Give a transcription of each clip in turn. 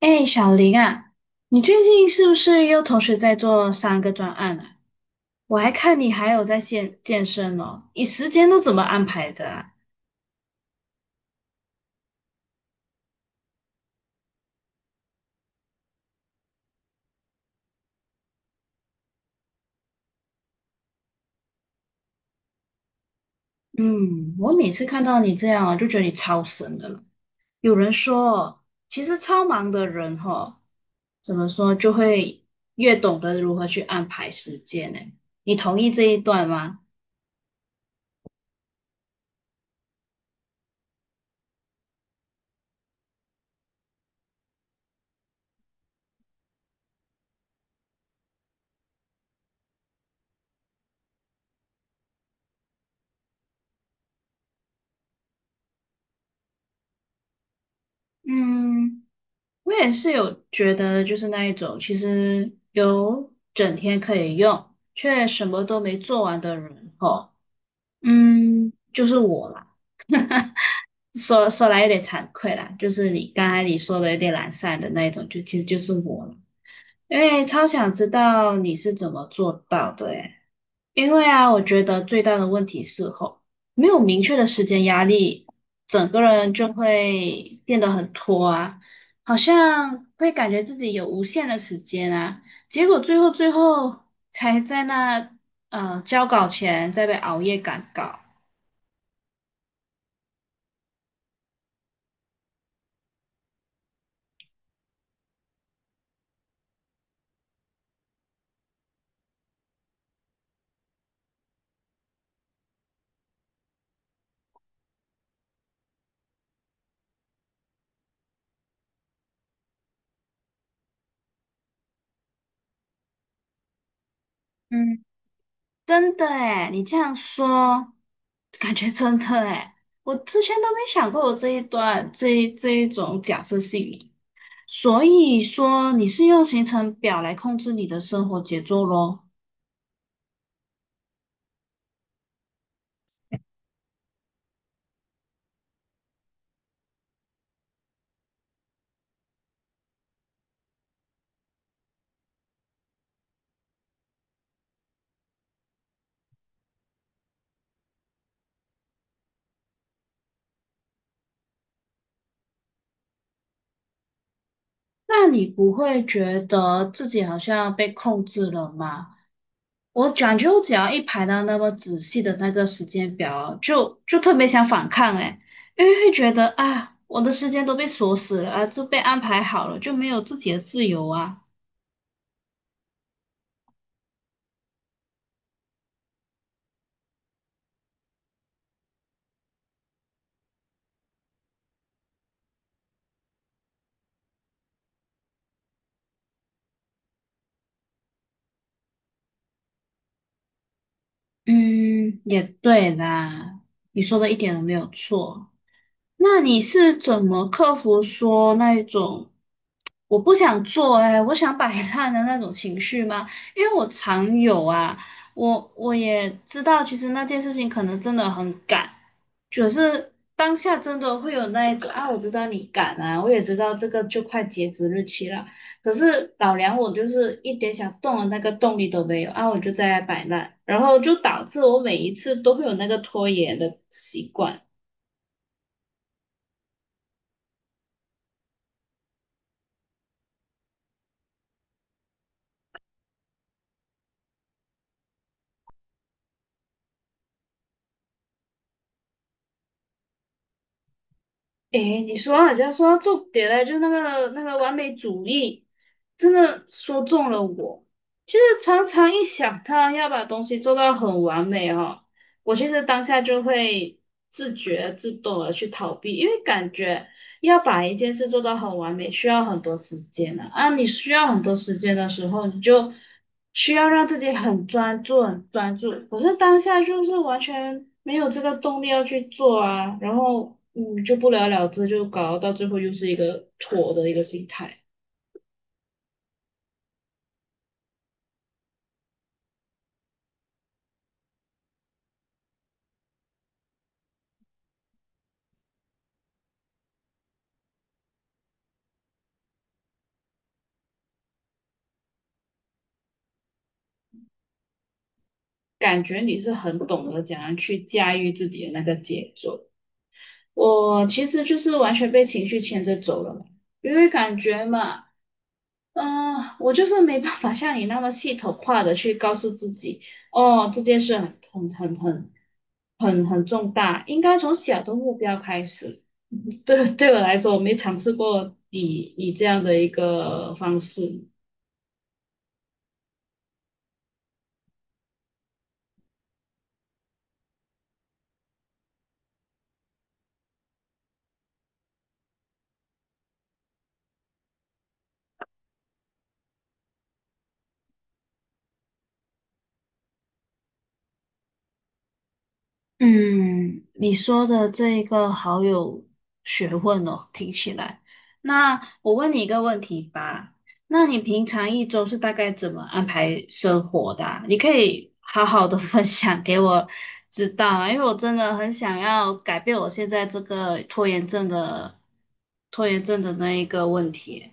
哎，小林啊，你最近是不是又同时在做三个专案啊？我还看你还有在健健身哦，你时间都怎么安排的啊？嗯，我每次看到你这样啊，就觉得你超神的了。有人说，其实超忙的人哈、怎么说就会越懂得如何去安排时间呢？你同意这一段吗？嗯。我也是有觉得，就是那一种，其实有整天可以用，却什么都没做完的人，哦，嗯，就是我啦。说来有点惭愧啦，就是你刚才你说的有点懒散的那一种，就其实就是我了。因为超想知道你是怎么做到的诶因为啊，我觉得最大的问题是吼，没有明确的时间压力，整个人就会变得很拖啊，好像会感觉自己有无限的时间啊，结果最后才在那交稿前再被熬夜赶稿。嗯，真的诶，你这样说，感觉真的诶，我之前都没想过我这一段这一种假设性。所以说你是用行程表来控制你的生活节奏咯，那你不会觉得自己好像被控制了吗？我感觉我只要一排到那么仔细的那个时间表，就特别想反抗诶，因为会觉得啊，我的时间都被锁死了啊，就被安排好了，就没有自己的自由啊。嗯，也对啦，你说的一点都没有错。那你是怎么克服说那一种？我不想做哎、我想摆烂的那种情绪吗？因为我常有啊，我也知道，其实那件事情可能真的很赶，可是当下真的会有那一种啊，我知道你赶啊，我也知道这个就快截止日期了，可是老娘我就是一点想动的那个动力都没有啊，我就在那摆烂，然后就导致我每一次都会有那个拖延的习惯。诶，你说到人家说到重点嘞，就那个完美主义，真的说中了我。其实常常一想到要把东西做到很完美哦，我现在当下就会自觉自动的去逃避，因为感觉要把一件事做到很完美，需要很多时间的啊。你需要很多时间的时候，你就需要让自己很专注。可是当下就是完全没有这个动力要去做啊，然后就不了了之，就搞到最后又是一个妥的一个心态。感觉你是很懂得怎样去驾驭自己的那个节奏。我其实就是完全被情绪牵着走了嘛，因为感觉嘛。嗯，我就是没办法像你那么系统化的去告诉自己，哦，这件事很很很很很重大，应该从小的目标开始。对我来说，我没尝试过以这样的一个方式。嗯，你说的这一个好有学问哦，听起来。那我问你一个问题吧，那你平常一周是大概怎么安排生活的啊你可以好好的 分享给我知道啊，因为我真的很想要改变我现在拖延症的那一个问题。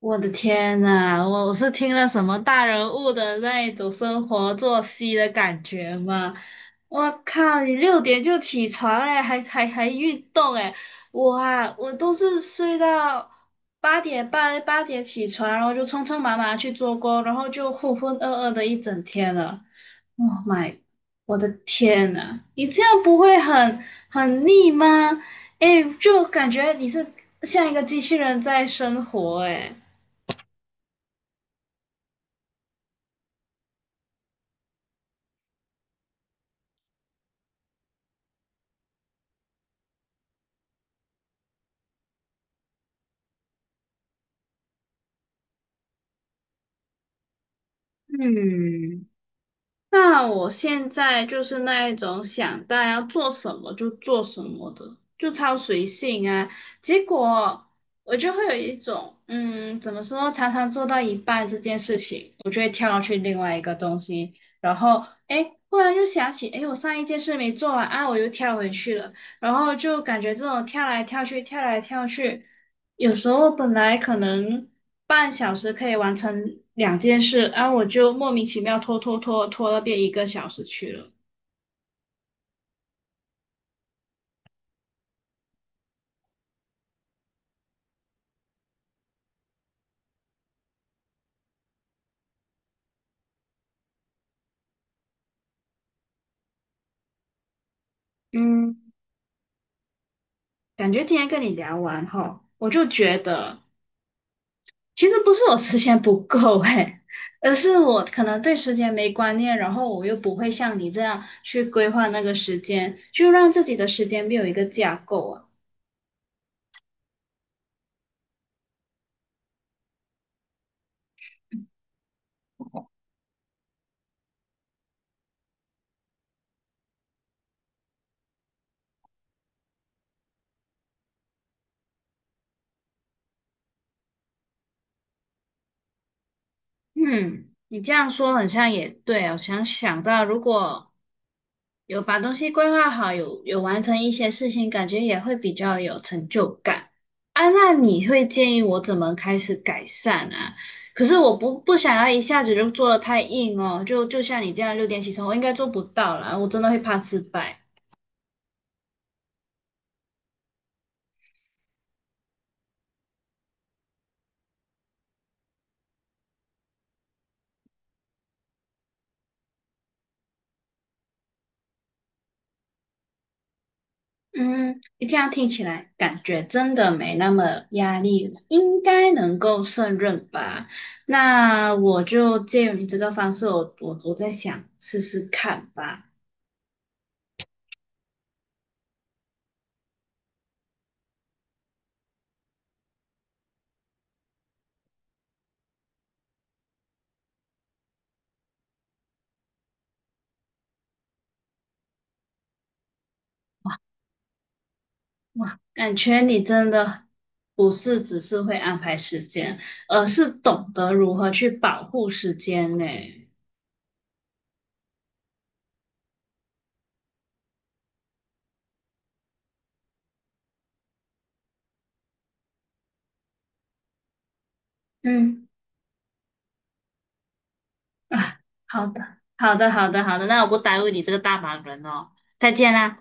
我的天呐，我是听了什么大人物的那一种生活作息的感觉吗？我靠，你六点就起床哎，还运动哎，我啊，我都是睡到八点起床，然后就匆匆忙忙去做工，然后就浑浑噩噩的一整天了。Oh my，我的天呐，你这样不会很很腻吗？哎，就感觉你是像一个机器人在生活哎。嗯，那我现在就是那一种想到要做什么就做什么的，就超随性啊。结果我就会有一种，嗯，怎么说，常常做到一半这件事情，我就会跳去另外一个东西，然后，诶，忽然又想起，诶，我上一件事没做完啊，我又跳回去了。然后就感觉这种跳来跳去，有时候本来可能半小时可以完成2件事，然后我就莫名其妙拖到变1个小时去了。嗯，感觉今天跟你聊完哈，我就觉得其实不是我时间不够诶，而是我可能对时间没观念，然后我又不会像你这样去规划那个时间，就让自己的时间没有一个架构啊。嗯，你这样说很像也对哦。想到如果有把东西规划好，有完成一些事情，感觉也会比较有成就感。啊，那你会建议我怎么开始改善啊？可是我不想要一下子就做的太硬哦，就像你这样六点起床，我应该做不到啦，我真的会怕失败。嗯，这样听起来感觉真的没那么压力了，应该能够胜任吧？那我就借由你这个方式，我在想试试看吧。哇，感觉你真的不是只是会安排时间，而是懂得如何去保护时间呢。嗯啊，好的，好的，好的，好的，那我不耽误你这个大忙人哦，再见啦。